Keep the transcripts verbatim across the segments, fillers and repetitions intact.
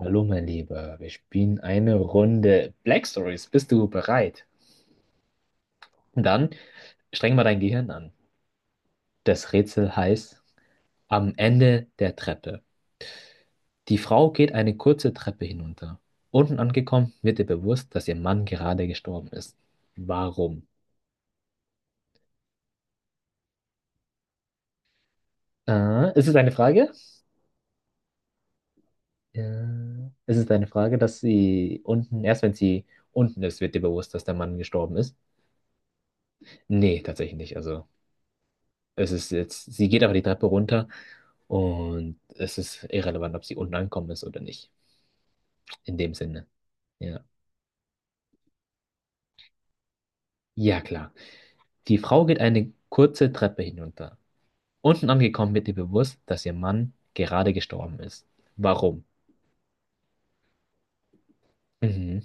Hallo, mein Lieber, wir spielen eine Runde Black Stories. Bist du bereit? Dann streng mal dein Gehirn an. Das Rätsel heißt Am Ende der Treppe. Die Frau geht eine kurze Treppe hinunter. Unten angekommen wird ihr bewusst, dass ihr Mann gerade gestorben ist. Warum? Äh, ist es eine Frage? Äh, ist es eine Frage, dass sie unten, erst wenn sie unten ist, wird ihr bewusst, dass der Mann gestorben ist? Nee, tatsächlich nicht. Also, es ist jetzt, sie geht aber die Treppe runter. Und es ist irrelevant, ob sie unten angekommen ist oder nicht. In dem Sinne. Ja. Ja, klar. Die Frau geht eine kurze Treppe hinunter. Unten angekommen wird ihr bewusst, dass ihr Mann gerade gestorben ist. Warum? Mhm.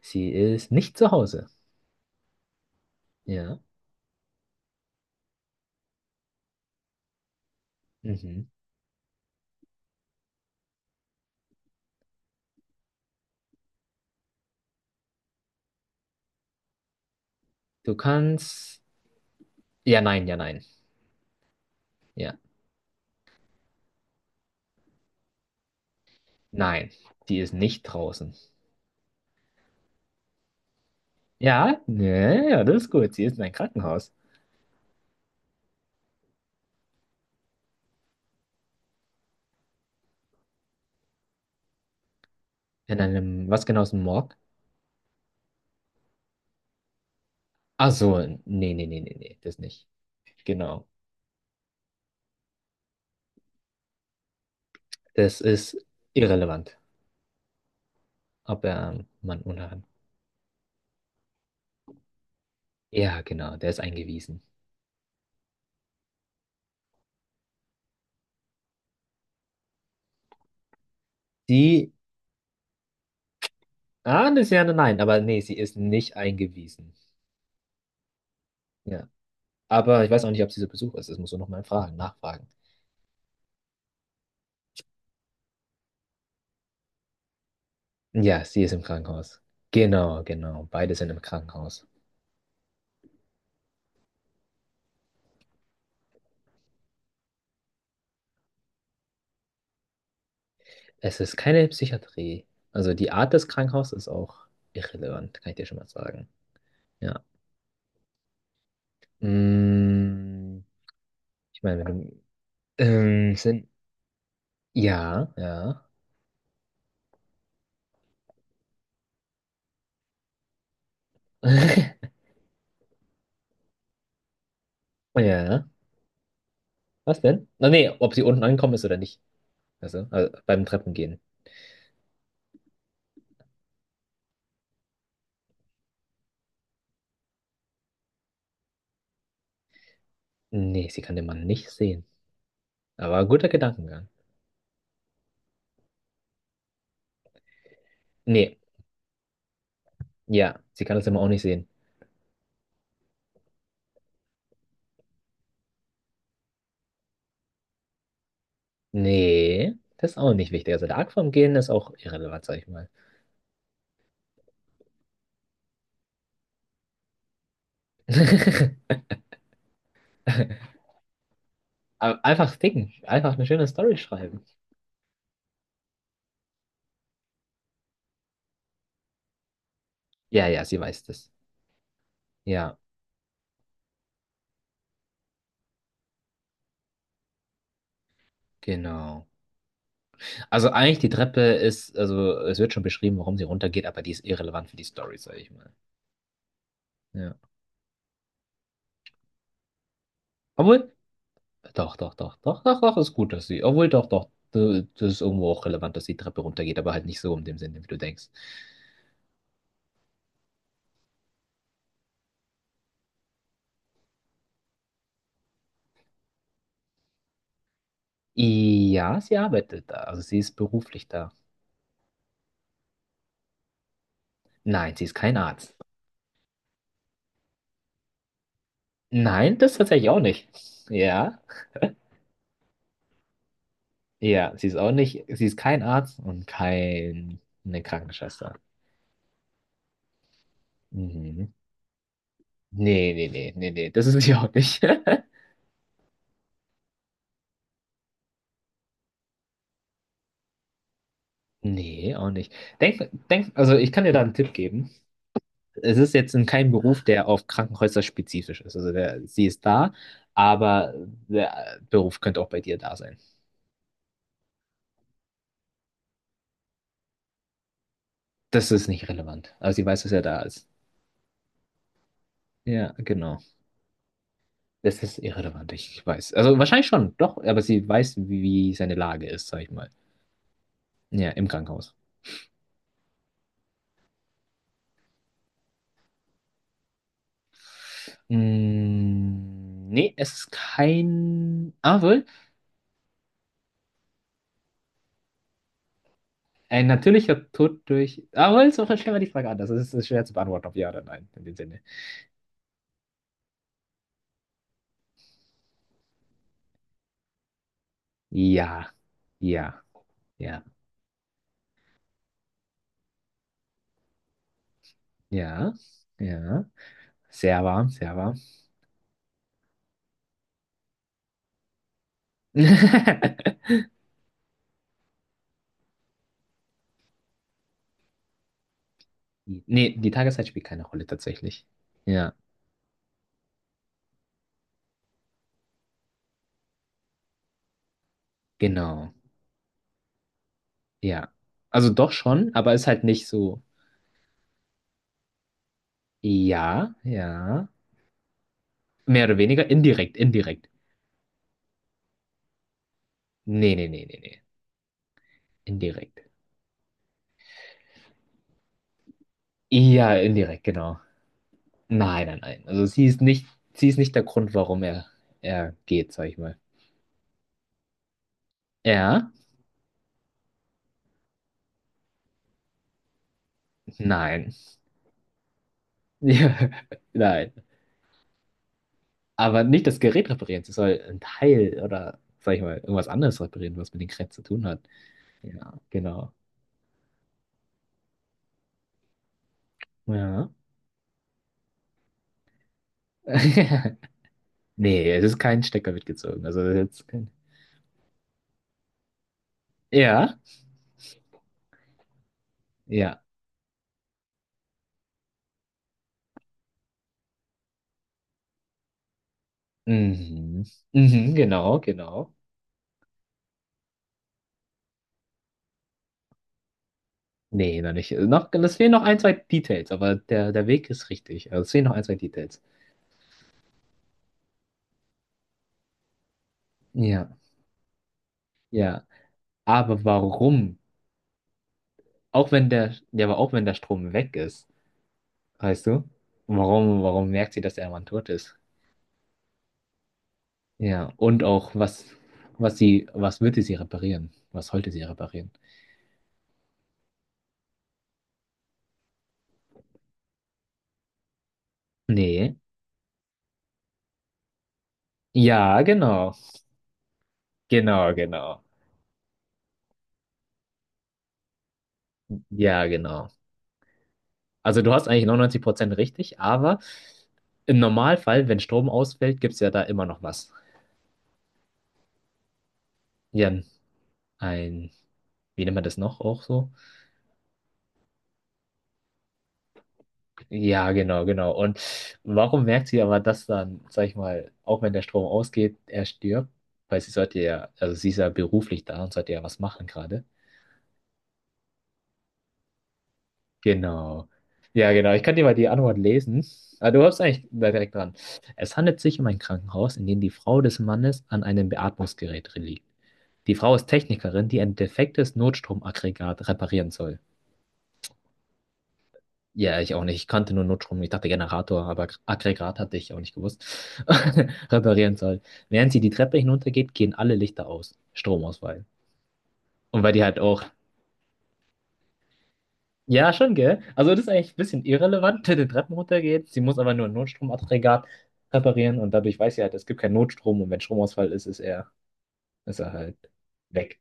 Sie ist nicht zu Hause. Ja. Mhm. Du kannst. Ja, nein, ja, nein. Ja. Nein. Die ist nicht draußen. Ja, ja, ja, das ist gut. Sie ist in einem Krankenhaus. In einem, was genau ist ein Morg? Ach so, nee, nee, nee, nee, nee, das nicht. Genau. Das ist irrelevant, ob er Mann oder Mann. Ja, genau, der ist eingewiesen. Sie, ah, das ist ja nein, aber nee, sie ist nicht eingewiesen. Ja, aber ich weiß auch nicht, ob sie zu Besuch ist. Das musst du nochmal fragen, nachfragen. Ja, sie ist im Krankenhaus. Genau, genau, beide sind im Krankenhaus. Es ist keine Psychiatrie. Also die Art des Krankenhauses ist auch irrelevant, kann ich dir schon mal sagen. Ja. Mm, ich meine, wenn du, ähm, sind, ja, ja. Ja. Was denn? Na nee, ob sie unten angekommen ist oder nicht. Also, äh, beim Treppengehen. Nee, sie kann den Mann nicht sehen. Aber guter Gedankengang. Nee, ja, sie kann das immer auch nicht sehen. Nee, das ist auch nicht wichtig. Also der Akt vom Gehen ist auch irrelevant, sag ich mal. Aber Einfach ficken. Einfach eine schöne Story schreiben. Ja, ja, sie weiß das. Ja, genau. Also eigentlich die Treppe ist, also es wird schon beschrieben, warum sie runtergeht, aber die ist irrelevant für die Story, sag ich mal. Ja. Obwohl, doch, doch, doch, doch, doch, doch, ist gut, dass sie. Obwohl, doch, doch, d- das ist irgendwo auch relevant, dass die Treppe runtergeht, aber halt nicht so in dem Sinne, wie du denkst. Ja, sie arbeitet da. Also sie ist beruflich da. Nein, sie ist kein Arzt. Nein, das tatsächlich auch nicht. Ja, ja, sie ist auch nicht. Sie ist kein Arzt und keine Krankenschwester. Mhm. Nee, nee, nee, nee, nee, das ist sie auch nicht. Nee, auch nicht. Denk, denk, also ich kann dir da einen Tipp geben. Es ist jetzt in keinem Beruf, der auf Krankenhäuser spezifisch ist. Also der, sie ist da, aber der Beruf könnte auch bei dir da sein. Das ist nicht relevant. Aber sie weiß, dass er da ist. Ja, genau. Das ist irrelevant, ich weiß. Also wahrscheinlich schon, doch, aber sie weiß, wie wie seine Lage ist, sag ich mal. Ja, im Krankenhaus. Mm, nee, es ist kein. Ah, wohl, ein natürlicher Tod durch. Ah, wohl, so stellen wir die Frage anders. Es ist ist schwer zu beantworten, ob ja oder nein, in dem Sinne. Ja, ja, ja. Ja, ja. Sehr warm, sehr warm. Nee, die Tageszeit spielt keine Rolle tatsächlich. Ja, genau. Ja. Also doch schon, aber ist halt nicht so. Ja, ja. Mehr oder weniger indirekt, indirekt. Nee, nee, nee, nee, nee. Indirekt. Ja, indirekt, genau. Nein, nein, nein. Also sie ist nicht, sie ist nicht der Grund, warum er, er geht, sag ich mal. Ja? Nein. Ja, nein. Aber nicht das Gerät reparieren, sie soll ein Teil oder, sag ich mal, irgendwas anderes reparieren, was mit dem Gerät zu tun hat. Ja, genau. Ja. Nee, es ist kein Stecker mitgezogen. Also das ist jetzt kein... Ja, ja. Mhm. Mhm, genau, genau. Nee, noch nicht. Noch, es fehlen noch ein, zwei Details, aber der, der Weg ist richtig. Also es fehlen noch ein, zwei Details. Ja, ja. Aber warum? Auch wenn der, ja, aber auch wenn der Strom weg ist, weißt du? Warum, warum merkt sie, dass der Mann tot ist? Ja, und auch, was, was sie, was würde sie reparieren? Was sollte sie reparieren? Nee. Ja, genau. Genau, genau. Ja, genau. Also du hast eigentlich neunundneunzig Prozent richtig, aber im Normalfall, wenn Strom ausfällt, gibt es ja da immer noch was. Ja, ein, wie nennt man das noch auch so? Ja, genau, genau. Und warum merkt sie aber das dann, sag ich mal, auch wenn der Strom ausgeht, er stirbt? Weil sie sollte ja, also sie ist ja beruflich da und sollte ja was machen gerade. Genau. Ja, genau. Ich kann dir mal die Antwort lesen. Ah, du hast eigentlich da direkt dran. Es handelt sich um ein Krankenhaus, in dem die Frau des Mannes an einem Beatmungsgerät liegt. Die Frau ist Technikerin, die ein defektes Notstromaggregat reparieren soll. Ja, ich auch nicht. Ich kannte nur Notstrom. Ich dachte Generator, aber Aggregat hatte ich auch nicht gewusst. Reparieren soll. Während sie die Treppe hinuntergeht, gehen alle Lichter aus. Stromausfall. Und weil die halt auch ja, schon, gell? Also das ist eigentlich ein bisschen irrelevant, wenn die Treppen runtergeht. Sie muss aber nur ein Notstromaggregat reparieren und dadurch weiß sie halt, es gibt keinen Notstrom und wenn Stromausfall ist, ist er, ist er halt weg.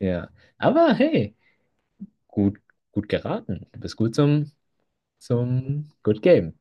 Ja. Aber hey, gut, gut geraten. Du bist gut zum, zum Good Game.